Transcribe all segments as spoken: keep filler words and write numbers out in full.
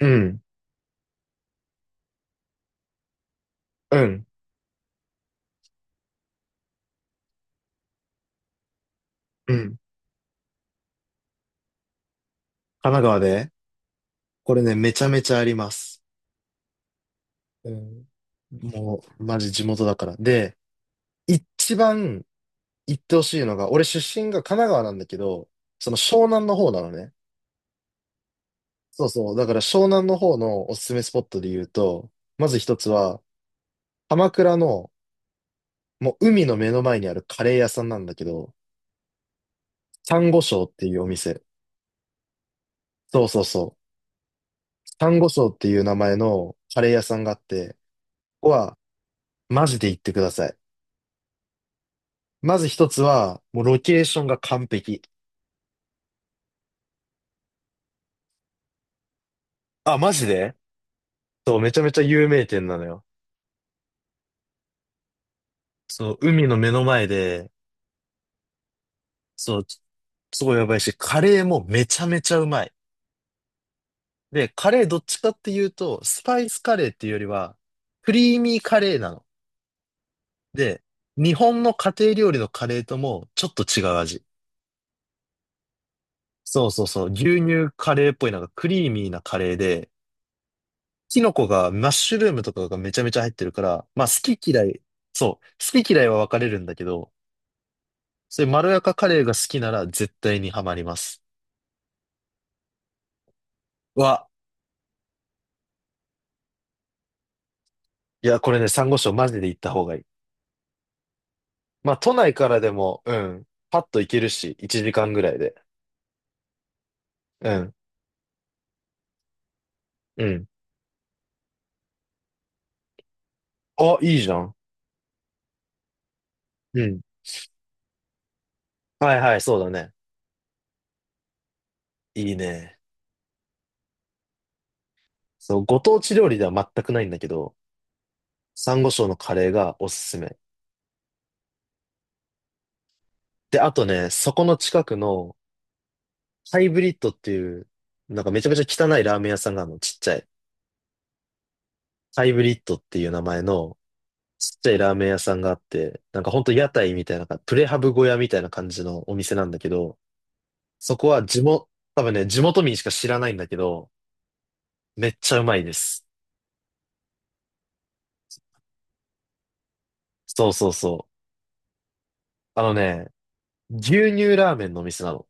うん、うん、うん。神奈川でこれね、めちゃめちゃあります。うん。もう、マジ地元だから。で、一番行ってほしいのが、俺出身が神奈川なんだけど、その湘南の方なのね。そうそう。だから湘南の方のおすすめスポットで言うと、まず一つは、鎌倉の、もう海の目の前にあるカレー屋さんなんだけど、サンゴ礁っていうお店。そうそうそう。サンゴ礁っていう名前のカレー屋さんがあって、ここはマジで行ってください。まず一つは、もうロケーションが完璧。あ、マジでそう、めちゃめちゃ有名店なのよ。そう、海の目の前で、そう、すごいやばいし、カレーもめちゃめちゃうまい。で、カレーどっちかっていうと、スパイスカレーっていうよりは、クリーミーカレーなの。で、日本の家庭料理のカレーともちょっと違う味。そうそうそう、牛乳カレーっぽいなんかクリーミーなカレーで、キノコが、マッシュルームとかがめちゃめちゃ入ってるから、まあ好き嫌い、そう、好き嫌いは分かれるんだけど、そういうまろやかカレーが好きなら絶対にハマります。わ、いや、これね、サンゴ礁マジで行った方がいい。まあ都内からでも、うん、パッと行けるし、いちじかんぐらいで。うん、うん。あ、いいじゃん。うん。はいはい、そうだね。いいね。そう、ご当地料理では全くないんだけど、サンゴ礁のカレーがおすすめ。で、あとね、そこの近くのハイブリッドっていう、なんかめちゃめちゃ汚いラーメン屋さんがあるの、ちっちゃい。ハイブリッドっていう名前のちっちゃいラーメン屋さんがあって、なんかほんと屋台みたいな、プレハブ小屋みたいな感じのお店なんだけど、そこは地元、多分ね、地元民しか知らないんだけど、めっちゃうまいです。そうそうそう。あのね、牛乳ラーメンのお店なの。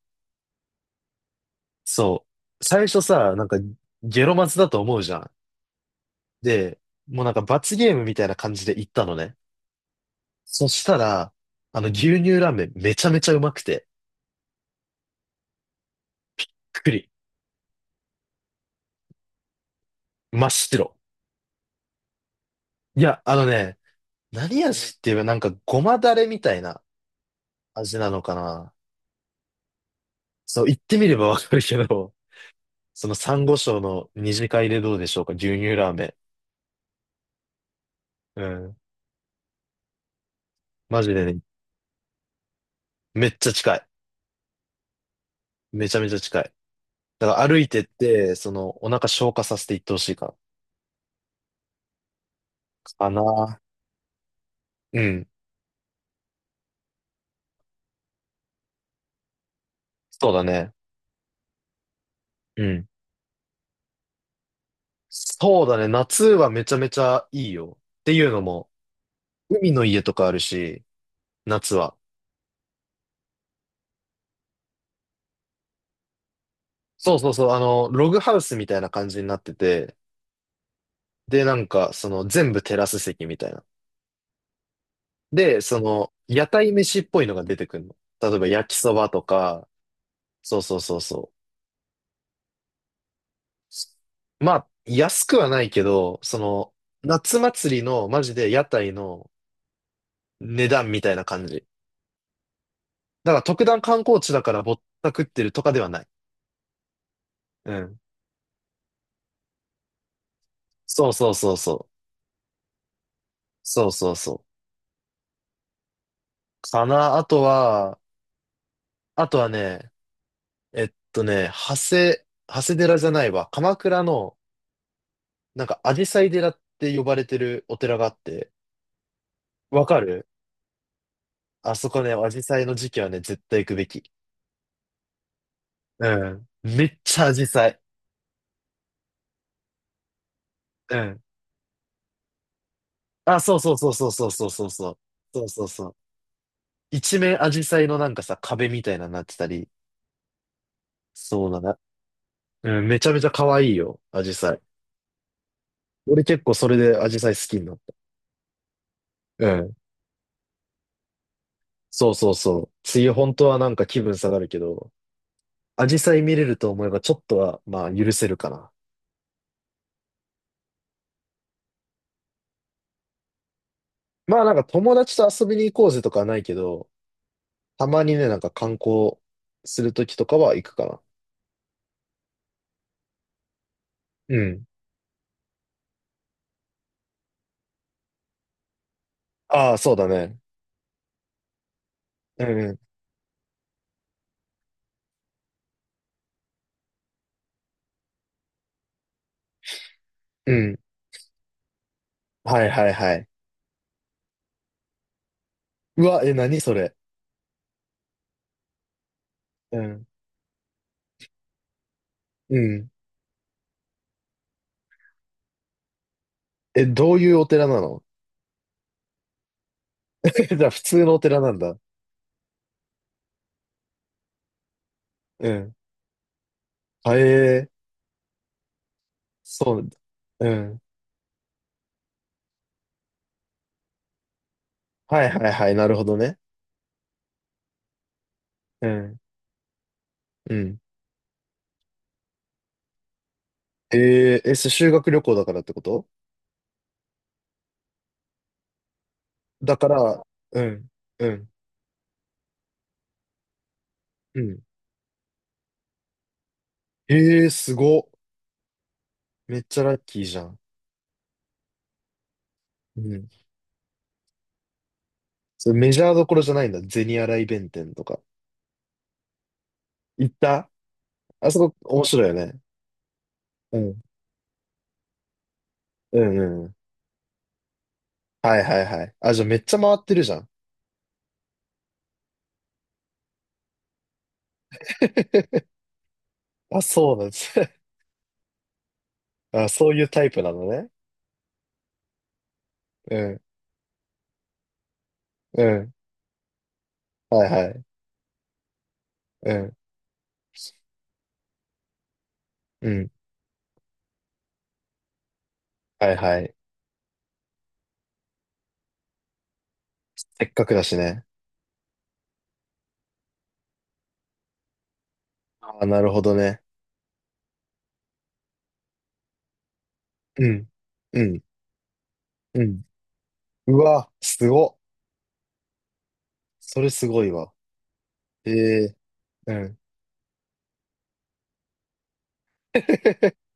そう。最初さ、なんかゲロマズだと思うじゃん。で、もうなんか罰ゲームみたいな感じで行ったのね。そしたら、あの、牛乳ラーメンめちゃめちゃうまくて、くくり、真っ白。いや、あのね、何味って言えばなんかごまだれみたいな味なのかな。そう、言ってみればわかるけど、その珊瑚礁の二次会でどうでしょうか、牛乳ラーメン。うん。マジでね、めっちゃ近い。めちゃめちゃ近い。だから歩いてって、その、お腹消化させていってほしいから。かな。うん。そうだね。うん。そうだね。夏はめちゃめちゃいいよ。っていうのも、海の家とかあるし、夏は。そうそうそう、あの、ログハウスみたいな感じになってて、で、なんか、その、全部テラス席みたいな。で、その、屋台飯っぽいのが出てくるの。例えば、焼きそばとか、そうそうそうそう。まあ、安くはないけど、その、夏祭りの、マジで屋台の値段みたいな感じ。だから、特段観光地だからぼったくってるとかではない。うん。そうそうそうそう。そうそうそう。かな。あとは、あとはね、えっとね、長谷、長谷寺じゃないわ。鎌倉の、なんか、紫陽花寺って呼ばれてるお寺があって、わかる？あそこね、紫陽花の時期はね、絶対行くべき。うん。めっちゃ紫陽花。うん。あ、そうそうそうそうそうそうそうそう。そうそうそう。一面紫陽花のなんかさ、壁みたいなのになってたり。そうだな。うん、めちゃめちゃ可愛いよ、紫陽花。俺結構それで紫陽花好きになった。うん。そうそうそう。梅雨本当はなんか気分下がるけど、紫陽花見れると思えばちょっとは、まあ許せるかな。まあなんか友達と遊びに行こうぜとかはないけど、たまにね、なんか観光するときとかは行くかな。うん。ああ、そうだね。うん、うん。はいはいはい。うわ、え、何それ。うん、うん。え、どういうお寺なの？ じゃあ 普通のお寺なんだ。うん。あ、え、え、そう。うん。はいはいはい、なるほどね。うん、うん。えー、え、そ修学旅行だからってこと？だから、うん、うん、うん。ええーすごっ。めっちゃラッキーじゃん。うん。それメジャーどころじゃないんだ。銭洗い弁天とか。行った？あそこ面白いよね。うん。うんうんうん。はいはいはい。あ、じゃあめっちゃ回ってるじゃん。あ、そうなんです。あ、そういうタイプなのね。うん。うん。はいはい。うん。うん。はいはい。せっかくだしね。あ、なるほどね。うん。うん。うん。うわ、すごっ。それすごいわ。え、え、うん。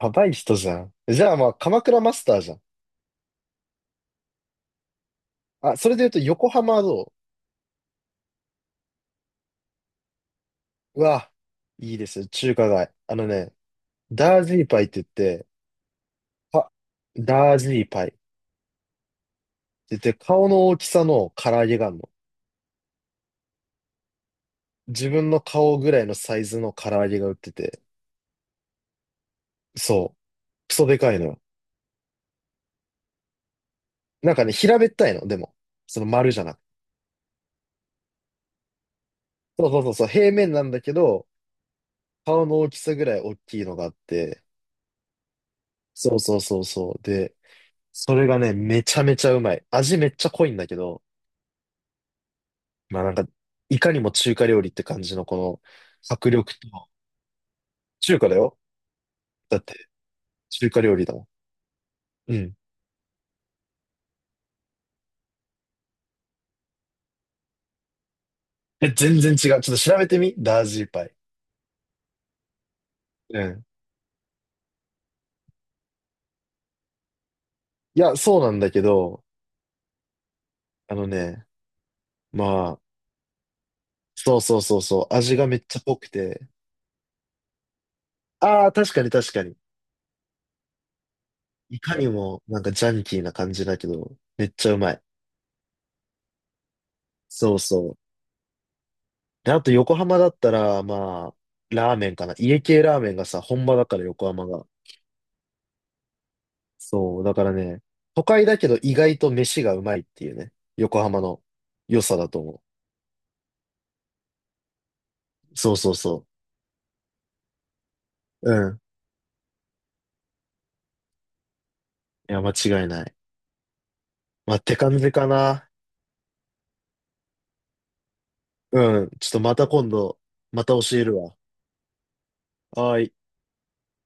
やばい人じゃん。じゃあまあ、鎌倉マスターじゃん。あ、それで言うと横浜はどう？うわ、いいですよ、中華街。あのね、ダージーパイって言って、あ、ダージーパイって言って、顔の大きさの唐揚げがあるの。自分の顔ぐらいのサイズの唐揚げが売ってて、そう、クソでかいのよ。なんかね、平べったいの、でも。その丸じゃなくて。そうそうそうそう、平面なんだけど、顔の大きさぐらい大きいのがあって、そうそうそうそう。で、それがね、めちゃめちゃうまい。味めっちゃ濃いんだけど、まあなんか、いかにも中華料理って感じのこの迫力と、中華だよ。だって、中華料理だもん。うん。え、全然違う。ちょっと調べてみダージーパイ。うん。いや、そうなんだけど、あのね、まあ、そうそうそうそう、味がめっちゃ濃くて、ああ、確かに確かに。いかにもなんかジャンキーな感じだけど、めっちゃうまい。そうそう。で、あと横浜だったら、まあ、ラーメンかな。家系ラーメンがさ、本場だから横浜が。そう、だからね、都会だけど意外と飯がうまいっていうね、横浜の良さだと思う。そうそうそう。うん。いや、間違いない。まあ、って感じかな。うん。ちょっとまた今度、また教えるわ。はーい。